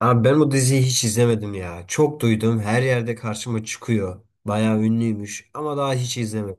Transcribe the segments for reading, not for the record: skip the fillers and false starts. Abi ben bu diziyi hiç izlemedim ya. Çok duydum. Her yerde karşıma çıkıyor. Bayağı ünlüymüş ama daha hiç izlemedim.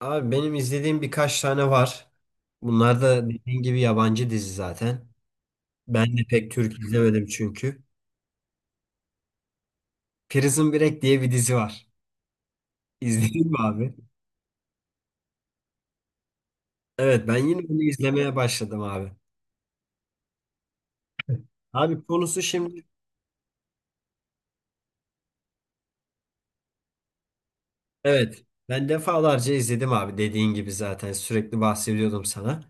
Abi benim izlediğim birkaç tane var. Bunlar da dediğin gibi yabancı dizi zaten. Ben de pek Türk izlemedim çünkü. Prison Break diye bir dizi var. İzledin mi abi? Evet ben yine bunu izlemeye başladım abi. Abi konusu şimdi evet ben defalarca izledim abi dediğin gibi zaten sürekli bahsediyordum sana.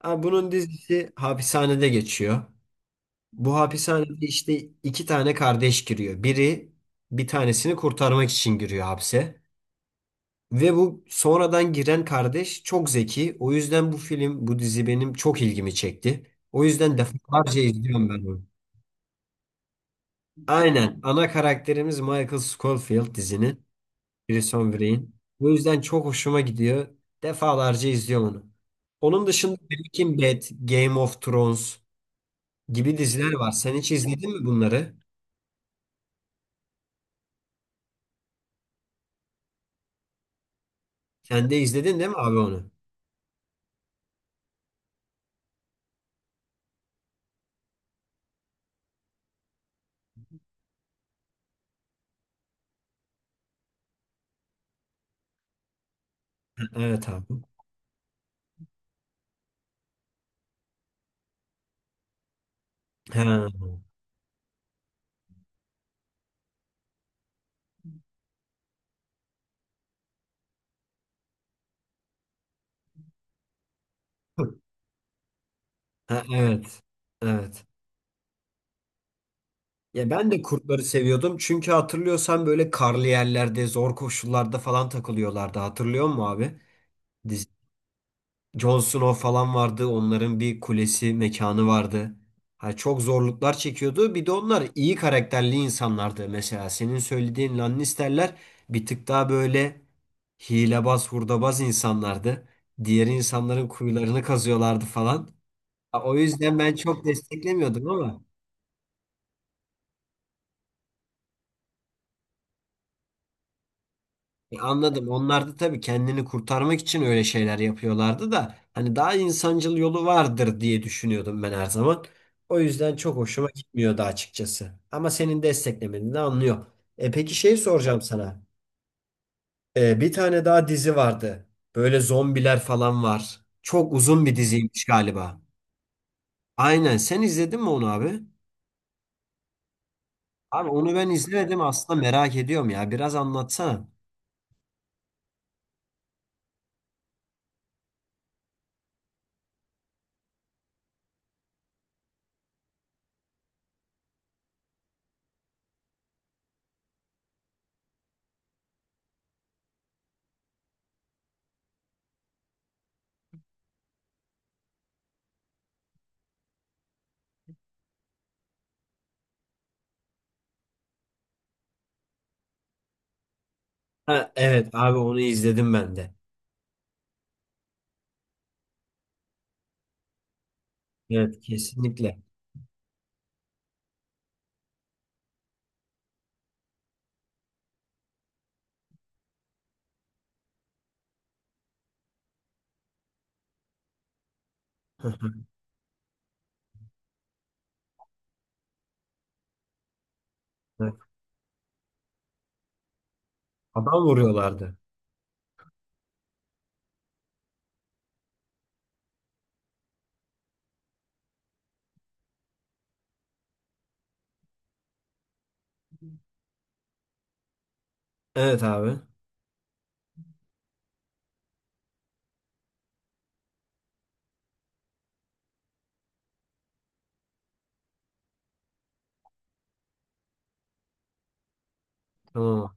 Abi bunun dizisi hapishanede geçiyor. Bu hapishanede işte iki tane kardeş giriyor. Biri bir tanesini kurtarmak için giriyor hapse. Ve bu sonradan giren kardeş çok zeki. O yüzden bu dizi benim çok ilgimi çekti. O yüzden defalarca izliyorum ben onu. Aynen. Ana karakterimiz Michael Scofield dizinin. Prison Break'in. Bu yüzden çok hoşuma gidiyor. Defalarca izliyorum onu. Onun dışında Breaking Bad, Game of Thrones gibi diziler var. Sen hiç izledin mi bunları? Sen de izledin değil mi abi onu? Evet abi. Ha. Ha, evet. Evet. Ya ben de kurtları seviyordum. Çünkü hatırlıyorsan böyle karlı yerlerde, zor koşullarda falan takılıyorlardı. Hatırlıyor musun abi? Dizi. Jon Snow falan vardı. Onların bir kulesi, mekanı vardı. Ha, çok zorluklar çekiyordu. Bir de onlar iyi karakterli insanlardı. Mesela senin söylediğin Lannister'ler bir tık daha böyle hilebaz, hurdabaz insanlardı. Diğer insanların kuyularını kazıyorlardı falan. Ya o yüzden ben çok desteklemiyordum ama anladım. Onlar da tabii kendini kurtarmak için öyle şeyler yapıyorlardı da hani daha insancıl yolu vardır diye düşünüyordum ben her zaman. O yüzden çok hoşuma gitmiyordu açıkçası. Ama senin desteklemeni de anlıyor. E peki şey soracağım sana. Bir tane daha dizi vardı. Böyle zombiler falan var. Çok uzun bir diziymiş galiba. Aynen. Sen izledin mi onu abi? Abi onu ben izlemedim aslında merak ediyorum ya. Biraz anlatsana. Ha, evet abi onu izledim ben de. Evet kesinlikle. Evet, adam vuruyorlardı. Evet abi. Tamam.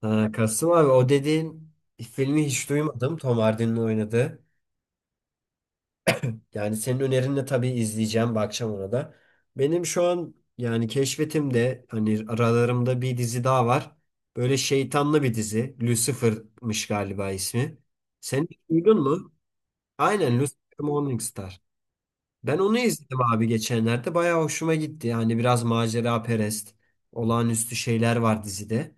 Ha, Kasım abi o dediğin filmi hiç duymadım. Tom Hardy'nin oynadığı. Yani senin önerinle tabii izleyeceğim. Bakacağım ona da. Benim şu an yani keşfetimde hani aralarımda bir dizi daha var. Böyle şeytanlı bir dizi. Lucifer'mış galiba ismi. Sen hiç duydun mu? Aynen Lucifer Morningstar. Ben onu izledim abi geçenlerde. Bayağı hoşuma gitti. Yani biraz macera perest, olağanüstü şeyler var dizide.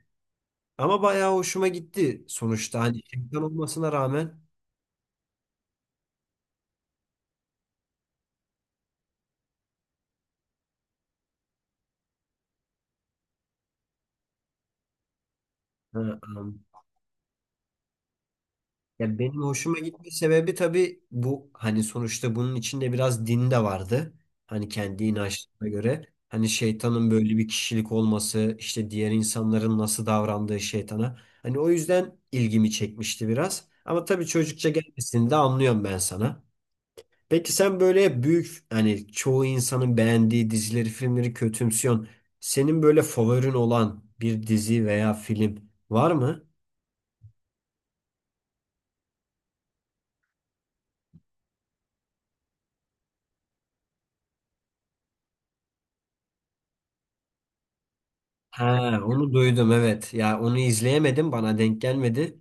Ama bayağı hoşuma gitti sonuçta. Hani şeytan olmasına rağmen. Ha, ha. Ya benim hoşuma gitme sebebi tabii bu, hani sonuçta bunun içinde biraz din de vardı. Hani kendi inançlarına göre. Hani şeytanın böyle bir kişilik olması, işte diğer insanların nasıl davrandığı şeytana. Hani o yüzden ilgimi çekmişti biraz. Ama tabii çocukça gelmesini de anlıyorum ben sana. Peki sen böyle hep büyük, hani çoğu insanın beğendiği dizileri, filmleri kötümsüyorsun. Senin böyle favorin olan bir dizi veya film var mı? He, onu duydum evet. Ya onu izleyemedim, bana denk gelmedi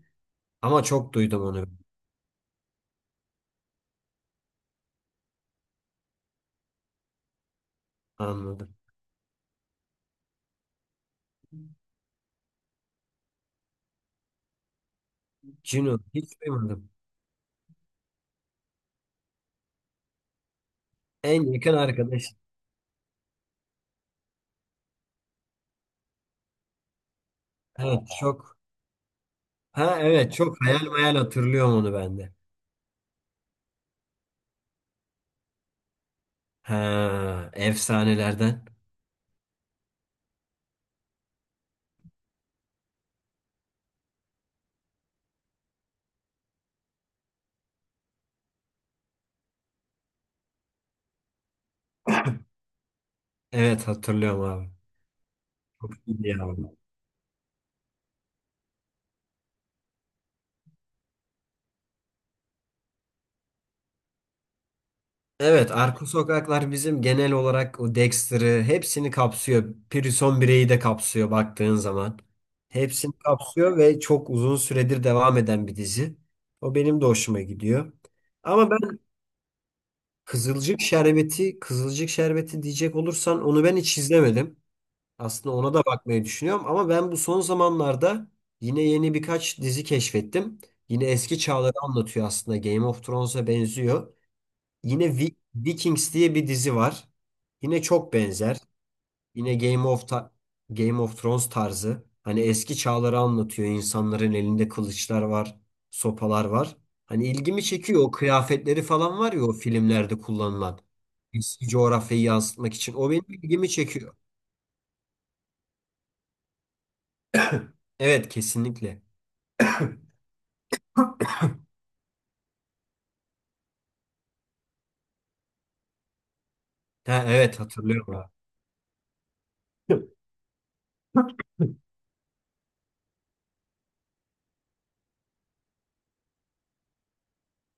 ama çok duydum onu. Anladım. Cino hiç duymadım. En yakın arkadaş. Evet çok. Ha evet, çok hayal hayal hatırlıyorum onu ben de. Ha efsanelerden. Evet hatırlıyorum abi. İyi ya. Evet, Arka Sokaklar bizim genel olarak o Dexter'ı hepsini kapsıyor. Prison Break'i de kapsıyor baktığın zaman. Hepsini kapsıyor ve çok uzun süredir devam eden bir dizi. O benim de hoşuma gidiyor. Ama ben Kızılcık Şerbeti, Kızılcık Şerbeti diyecek olursan onu ben hiç izlemedim. Aslında ona da bakmayı düşünüyorum ama ben bu son zamanlarda yine yeni birkaç dizi keşfettim. Yine eski çağları anlatıyor aslında. Game of Thrones'a benziyor. Yine Vikings diye bir dizi var. Yine çok benzer. Yine Game of Ta- Game of Thrones tarzı. Hani eski çağları anlatıyor. İnsanların elinde kılıçlar var, sopalar var. Hani ilgimi çekiyor. O kıyafetleri falan var ya o filmlerde kullanılan. Eski coğrafyayı yansıtmak için. O benim ilgimi çekiyor. Evet, kesinlikle. Ha, evet hatırlıyorum abi.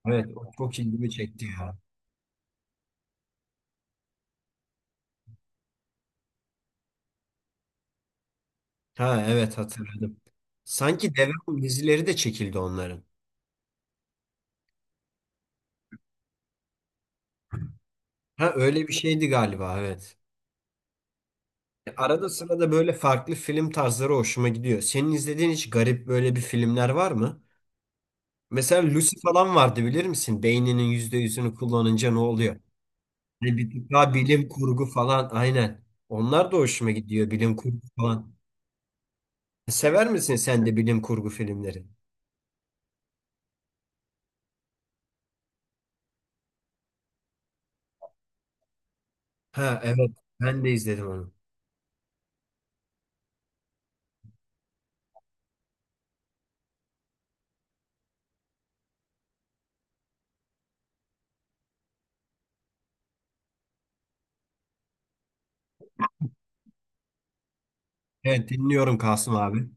Evet, o çok ilgimi çekti ya. Ha evet, hatırladım. Sanki devam dizileri de çekildi onların. Ha öyle bir şeydi galiba, evet. Arada sırada böyle farklı film tarzları hoşuma gidiyor. Senin izlediğin hiç garip böyle bir filmler var mı? Mesela Lucy falan vardı, bilir misin? Beyninin %100'ünü kullanınca ne oluyor? Hani bir tık daha bilim kurgu falan, aynen. Onlar da hoşuma gidiyor, bilim kurgu falan. Sever misin sen de bilim kurgu filmleri? Ha evet, ben de izledim onu. Evet dinliyorum Kasım abi.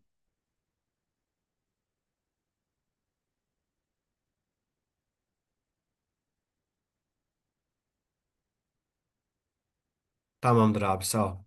Tamamdır abi, sağ ol.